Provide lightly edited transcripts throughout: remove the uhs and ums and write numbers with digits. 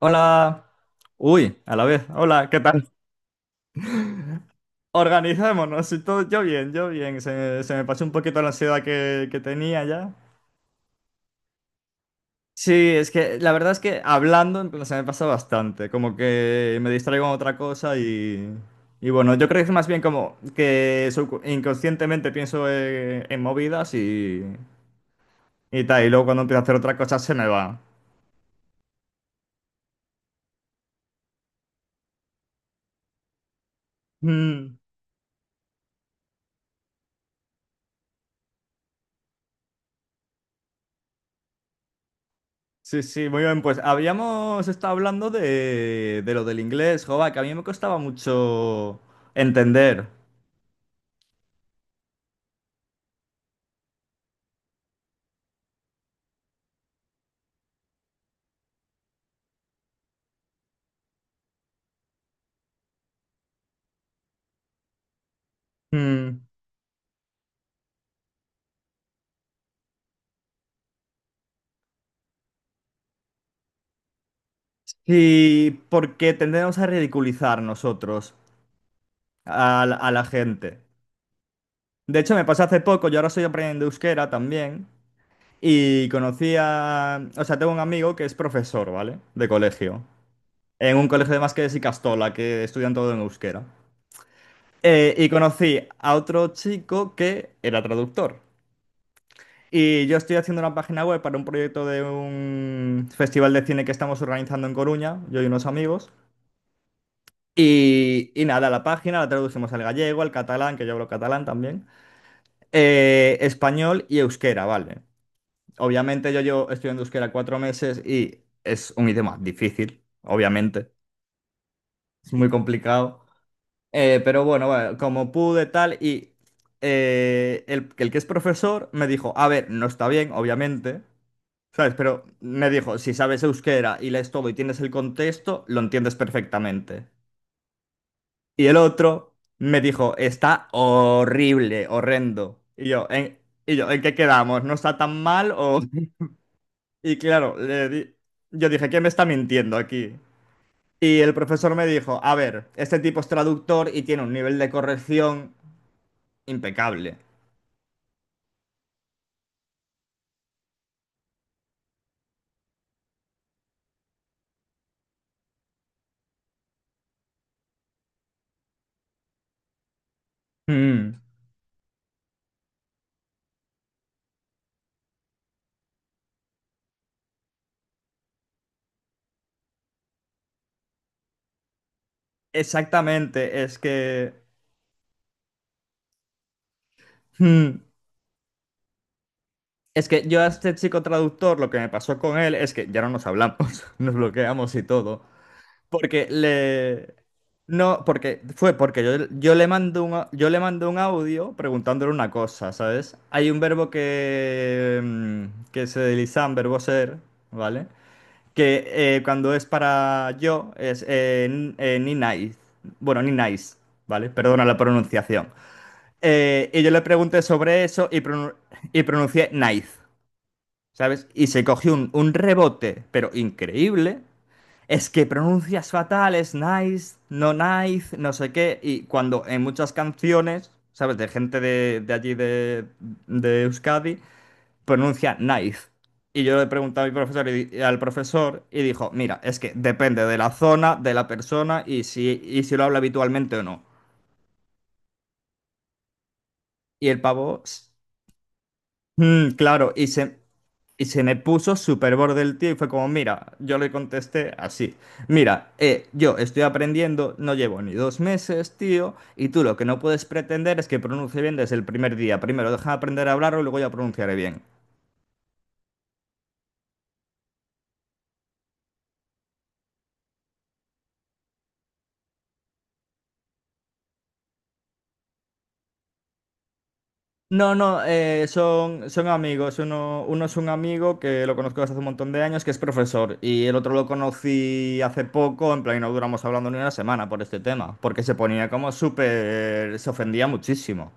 Hola. Uy, a la vez. Hola, ¿qué tal? Organizémonos. Y todo, yo bien, yo bien. Se me pasó un poquito la ansiedad que tenía ya. Sí, es que la verdad es que hablando en plan, se me pasa bastante. Como que me distraigo en otra cosa y bueno, yo creo que es más bien como que inconscientemente pienso en movidas y tal. Y luego cuando empiezo a hacer otra cosa se me va. Mm. Sí, sí, muy bien. Pues habíamos estado hablando de lo del inglés, joba, que a mí me costaba mucho entender. Mm. Y porque tendemos a ridiculizar nosotros a la gente. De hecho, me pasó hace poco, yo ahora estoy aprendiendo euskera también, y conocí a... O sea, tengo un amigo que es profesor, ¿vale? De colegio. En un colegio de Masquedes y Castola, que estudian todo en euskera. Y conocí a otro chico que era traductor. Y yo estoy haciendo una página web para un proyecto de un festival de cine que estamos organizando en Coruña, yo y unos amigos. Y nada, la página la traducimos al gallego, al catalán, que yo hablo catalán también, español y euskera, ¿vale? Obviamente yo llevo estudiando euskera 4 meses y es un idioma difícil, obviamente, es muy complicado. Pero bueno, como pude tal y el que es profesor me dijo, a ver, no está bien, obviamente. ¿Sabes? Pero me dijo, si sabes euskera y lees todo y tienes el contexto, lo entiendes perfectamente. Y el otro me dijo, está horrible, horrendo. Y yo, ¿en qué quedamos? ¿No está tan mal o...? Y claro, yo dije, ¿quién me está mintiendo aquí? Y el profesor me dijo, a ver, este tipo es traductor y tiene un nivel de corrección impecable. Mm. Exactamente, es que... Mm. Es que yo a este chico traductor lo que me pasó con él es que ya no nos hablamos, nos bloqueamos y todo. Porque le... No, porque fue porque yo le mando un, yo le mando un audio preguntándole una cosa, ¿sabes? Hay un verbo que, que se desliza en verbo ser, ¿vale? Que cuando es para yo es ni nice. Bueno, ni nice, ¿vale? Perdona la pronunciación. Y yo le pregunté sobre eso y, y pronuncié nice. ¿Sabes? Y se cogió un rebote, pero increíble. Es que pronuncias fatal, es nice, no sé qué. Y cuando en muchas canciones, ¿sabes? De gente de allí de Euskadi, pronuncia nice. Y yo le pregunté a mi profesor y al profesor y dijo, mira, es que depende de la zona, de la persona y si lo habla habitualmente o no. Y el pavo, s- "Mm, claro, y se, Y se me puso súper borde el tío y fue como, mira, yo le contesté así, mira, yo estoy aprendiendo, no llevo ni 2 meses, tío, y tú lo que no puedes pretender es que pronuncie bien desde el primer día. Primero deja de aprender a hablarlo y luego ya pronunciaré bien. No, no, son amigos. Uno es un amigo que lo conozco desde hace un montón de años, que es profesor, y el otro lo conocí hace poco, en plan, y no duramos hablando ni una semana por este tema, porque se ponía como súper, se ofendía muchísimo.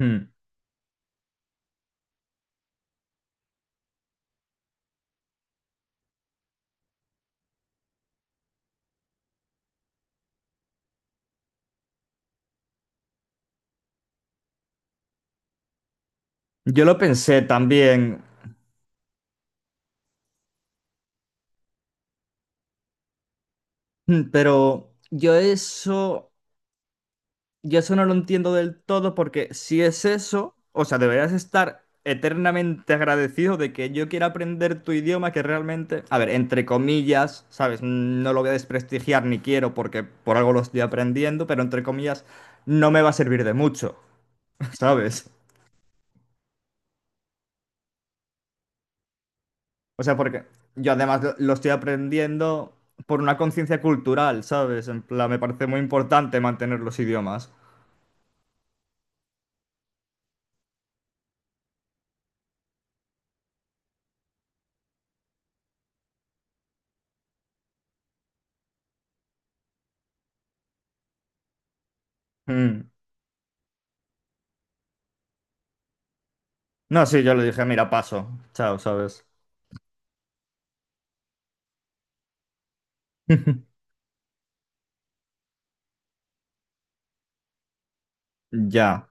Hmm. Yo lo pensé también, pero yo eso no lo entiendo del todo porque si es eso, o sea, deberías estar eternamente agradecido de que yo quiera aprender tu idioma que realmente, a ver, entre comillas, ¿sabes? No lo voy a desprestigiar ni quiero porque por algo lo estoy aprendiendo, pero entre comillas no me va a servir de mucho, ¿sabes? O sea, porque yo además lo estoy aprendiendo por una conciencia cultural, ¿sabes? En plan, me parece muy importante mantener los idiomas. Mm. No, sí, yo le dije, mira, paso. Chao, ¿sabes? Ya.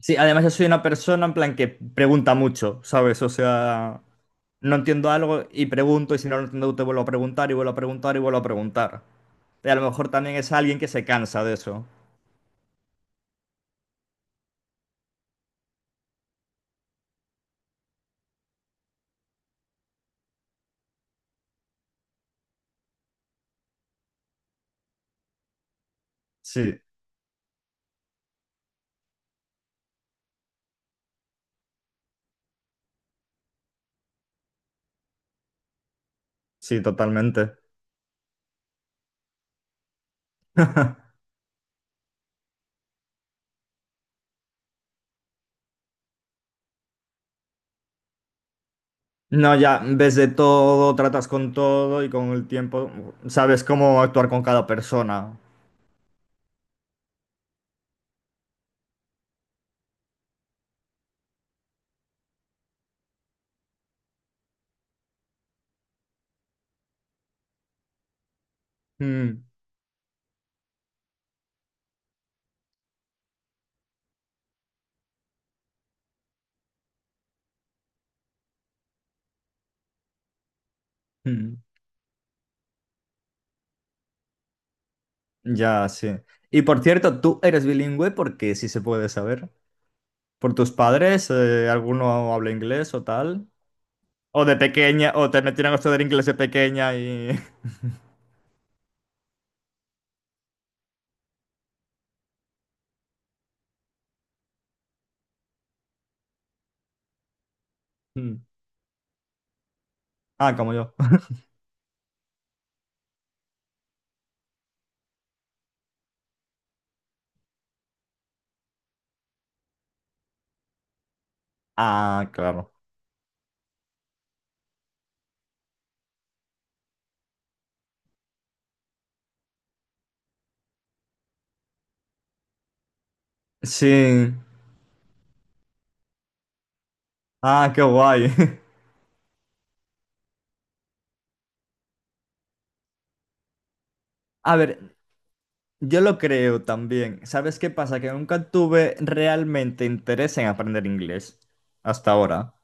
Sí, además yo soy una persona en plan que pregunta mucho, ¿sabes? O sea, no entiendo algo y pregunto y si no lo entiendo te vuelvo a preguntar y vuelvo a preguntar y vuelvo a preguntar. Y a lo mejor también es alguien que se cansa de eso. Sí, sí, totalmente. No, ya ves de todo, tratas con todo y con el tiempo sabes cómo actuar con cada persona. Mm, mm. Ya, sí. Y por cierto, ¿tú eres bilingüe? Porque si se puede saber. ¿Por tus padres? ¿Alguno habla inglés o tal? ¿O de pequeña? ¿O te metieron a estudiar inglés de pequeña y...? Mm. Ah, como yo. Ah, claro. Sí. Ah, qué guay. A ver, yo lo creo también. ¿Sabes qué pasa? Que nunca tuve realmente interés en aprender inglés hasta ahora.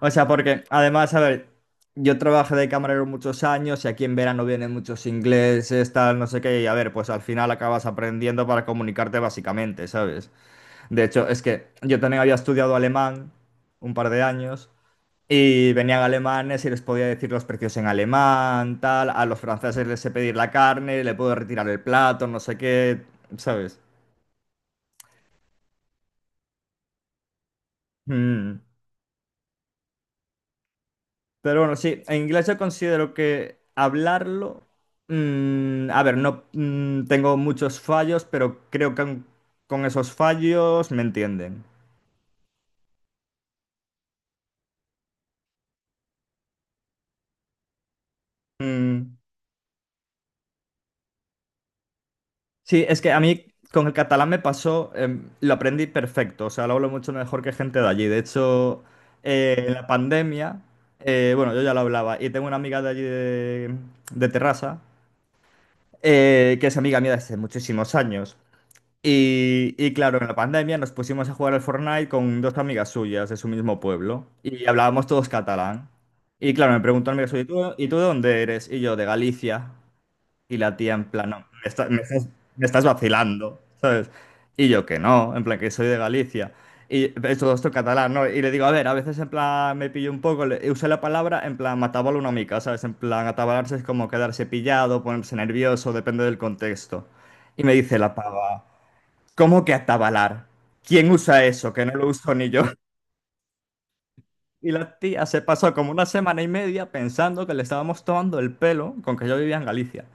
O sea, porque además, a ver, yo trabajé de camarero muchos años y aquí en verano vienen muchos ingleses, tal, no sé qué, y a ver, pues al final acabas aprendiendo para comunicarte básicamente, ¿sabes? De hecho, es que yo también había estudiado alemán un par de años y venían alemanes y les podía decir los precios en alemán, tal, a los franceses les sé pedir la carne, le puedo retirar el plato, no sé qué, ¿sabes? Mm. Pero bueno, sí, en inglés yo considero que hablarlo, a ver, no mm, tengo muchos fallos, pero creo que aun con esos fallos me entienden. Mm, sí, es que a mí con el catalán me pasó, lo aprendí perfecto, o sea, lo hablo mucho mejor que gente de allí. De hecho, en la pandemia, bueno, yo ya lo hablaba y tengo una amiga de allí de Terrassa, que es amiga mía desde muchísimos años. Y claro, en la pandemia nos pusimos a jugar al Fortnite con dos amigas suyas de su mismo pueblo y hablábamos todos catalán. Y claro, me preguntó una amiga suya, ¿y tú de dónde eres? Y yo, de Galicia. Y la tía en plan, no, me estás vacilando, ¿sabes? Y yo que no, en plan que soy de Galicia. Y es todo esto en catalán, ¿no? Y le digo, a ver, a veces en plan me pillo un poco, usé la palabra en plan matabalo una mica, ¿sabes? En plan atabalarse es como quedarse pillado, ponerse nervioso, depende del contexto. Y me dice la pava. ¿Cómo que atabalar? ¿Quién usa eso? Que no lo uso ni yo. Y la tía se pasó como una semana y media pensando que le estábamos tomando el pelo con que yo vivía en Galicia.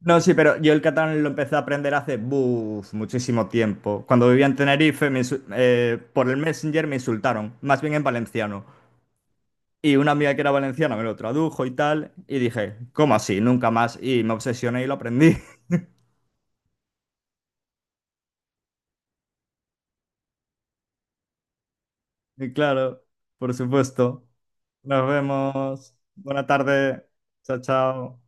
No, sí, pero yo el catalán lo empecé a aprender hace buf, muchísimo tiempo. Cuando vivía en Tenerife, por el Messenger me insultaron, más bien en valenciano. Y una amiga que era valenciana me lo tradujo y tal, y dije, ¿cómo así? Nunca más. Y me obsesioné y lo aprendí. Y claro, por supuesto. Nos vemos. Buena tarde. Chao, chao.